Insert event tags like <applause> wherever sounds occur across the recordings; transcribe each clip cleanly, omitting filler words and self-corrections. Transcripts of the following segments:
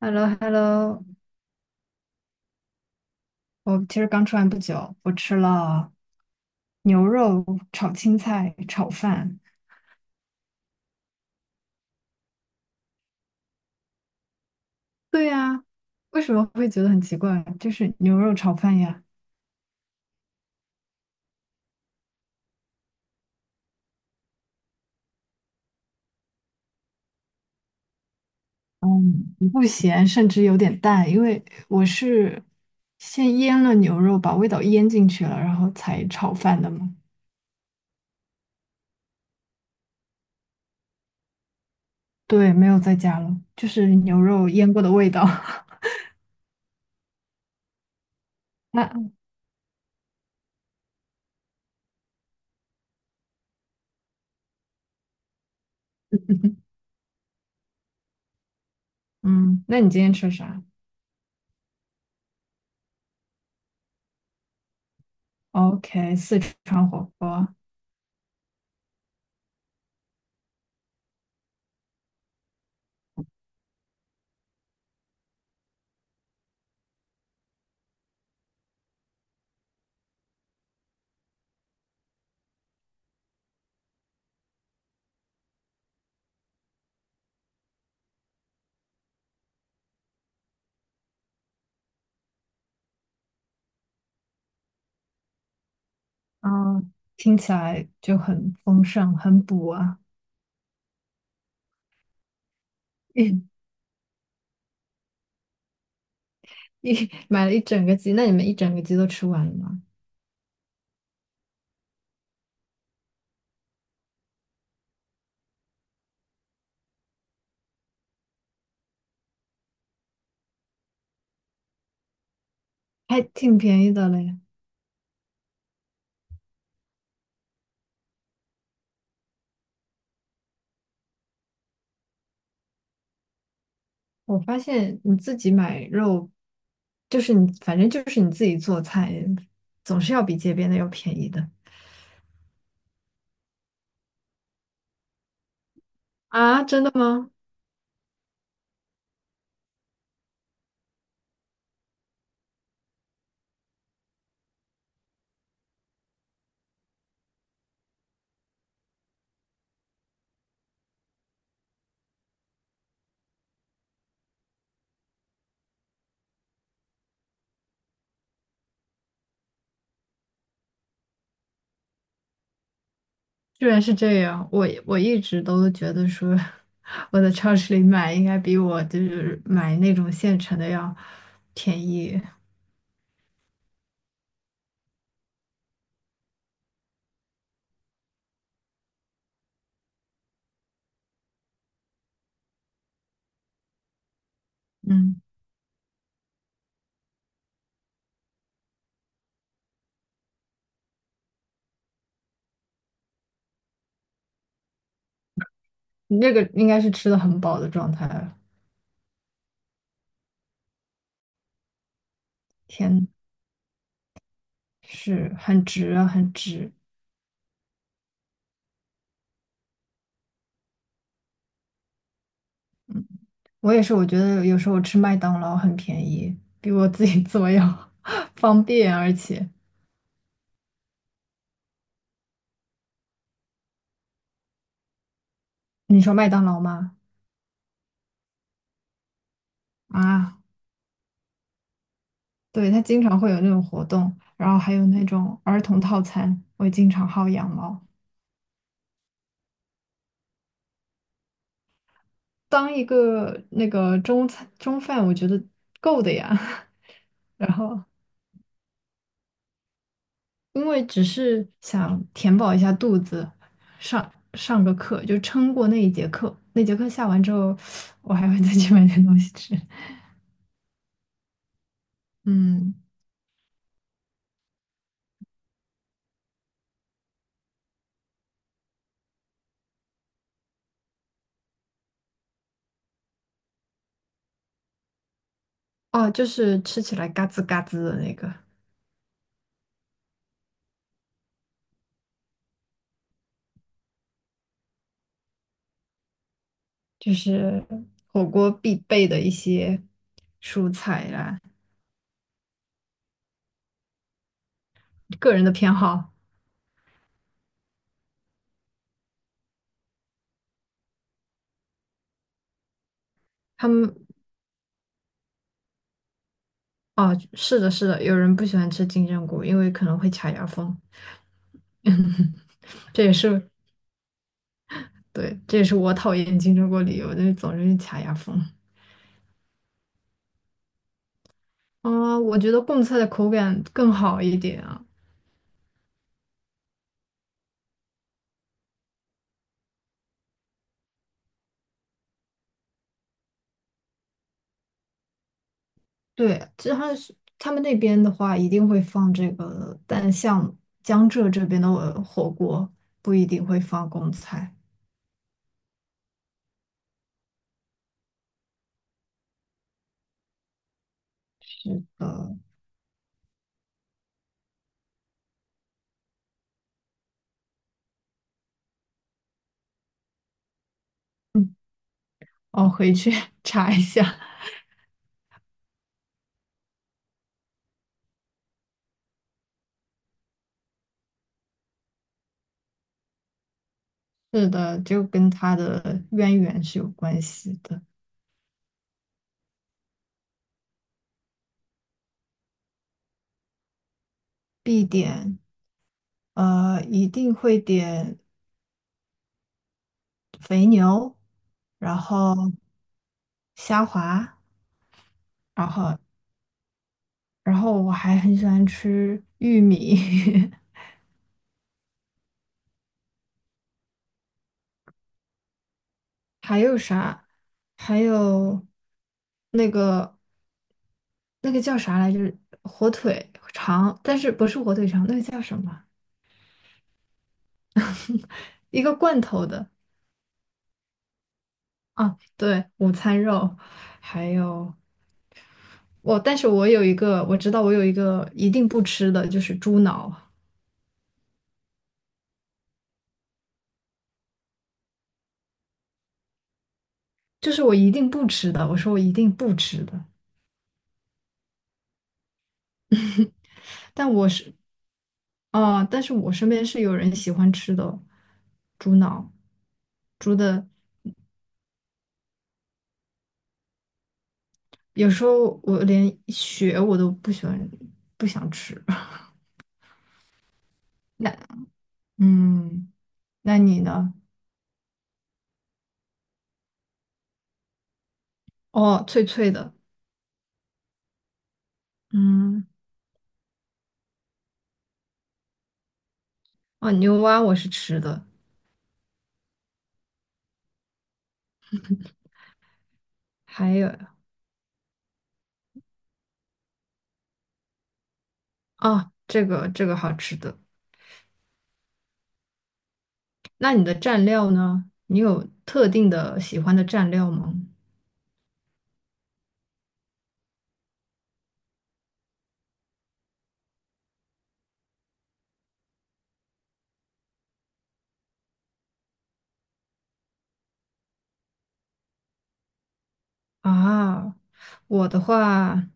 Hello, hello. 我其实刚吃完不久，我吃了牛肉炒青菜炒饭。对呀，为什么会觉得很奇怪？就是牛肉炒饭呀。嗯，不咸，甚至有点淡，因为我是先腌了牛肉，把味道腌进去了，然后才炒饭的嘛。对，没有再加了，就是牛肉腌过的味道。<laughs> 那，嗯，那你今天吃啥？OK,四川火锅。嗯，听起来就很丰盛，很补啊！一一买了一整个鸡，那你们一整个鸡都吃完了吗？还挺便宜的嘞。我发现你自己买肉，就是你，反正就是你自己做菜，总是要比街边的要便宜的。啊！真的吗？居然是这样，我一直都觉得说，<laughs> 我在超市里买应该比我就是买那种现成的要便宜。嗯，你那个应该是吃的很饱的状态了。天，是很值啊，很值。我也是，我觉得有时候我吃麦当劳很便宜，比我自己做要 <laughs> 方便，而且你说麦当劳吗？啊，对，它经常会有那种活动，然后还有那种儿童套餐，我也经常薅羊毛。当一个那个中餐中饭，我觉得够的呀。<laughs> 然后因为只是想填饱一下肚子，上个课就撑过那一节课。那节课下完之后，我还会再去买点东西吃。嗯，哦，就是吃起来嘎吱嘎吱的那个，就是火锅必备的一些蔬菜啦。个人的偏好，他们哦，是的，是的，有人不喜欢吃金针菇，因为可能会卡牙缝。这也是对，这也是我讨厌金针菇理由，就是总是卡牙缝。啊，我觉得贡菜的口感更好一点啊。对，这还是他们那边的话，一定会放这个，但像江浙这边的火锅不一定会放贡菜。呃，嗯，我回去 <laughs> 查一下。是的，就跟它的渊源是有关系的。必点，一定会点肥牛，然后虾滑，然后我还很喜欢吃玉米。<laughs> 还有啥？还有那个叫啥来着？火腿肠，但是不是火腿肠，那个叫什么？一个罐头的啊，对，午餐肉，还有我，但是我有一个，我知道我有一个一定不吃的，就是猪脑，就是我一定不吃的，我说我一定不吃的，但我是啊，但是我身边是有人喜欢吃的猪脑，猪的有时候我连血我都不喜欢，不想吃。<laughs> 那嗯，那你呢？哦，脆脆的。嗯，哦，牛蛙我是吃的。还有啊，这个好吃的。那你的蘸料呢？你有特定的喜欢的蘸料吗？啊，我的话，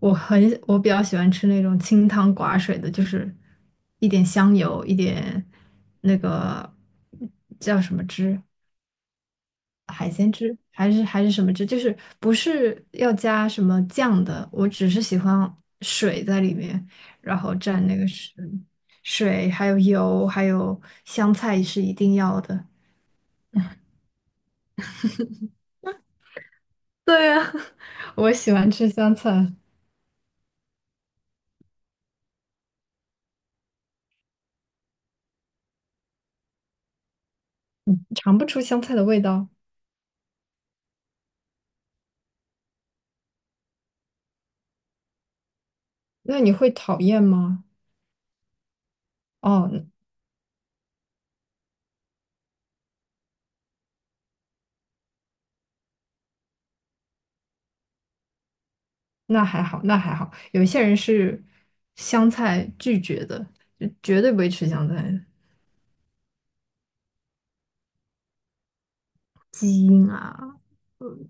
我比较喜欢吃那种清汤寡水的，就是一点香油，一点那个叫什么汁，海鲜汁还是什么汁，就是不是要加什么酱的，我只是喜欢水在里面，然后蘸那个水，水还有油，还有香菜是一定要的。对呀，<laughs> 我喜欢吃香菜，尝不出香菜的味道。那你会讨厌吗？哦，那还好，那还好。有一些人是香菜拒绝的，就绝对不会吃香菜的基因啊。嗯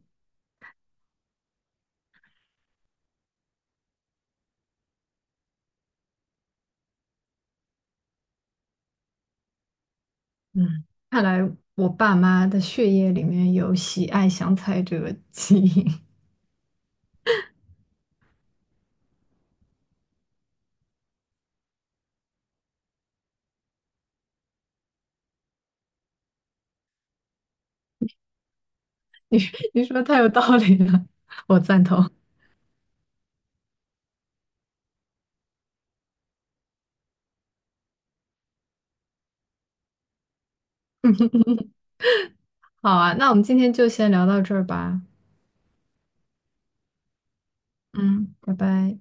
嗯，看来我爸妈的血液里面有喜爱香菜这个基因，<laughs> 你你说得太有道理了，我赞同。好啊，那我们今天就先聊到这儿吧。嗯，拜拜。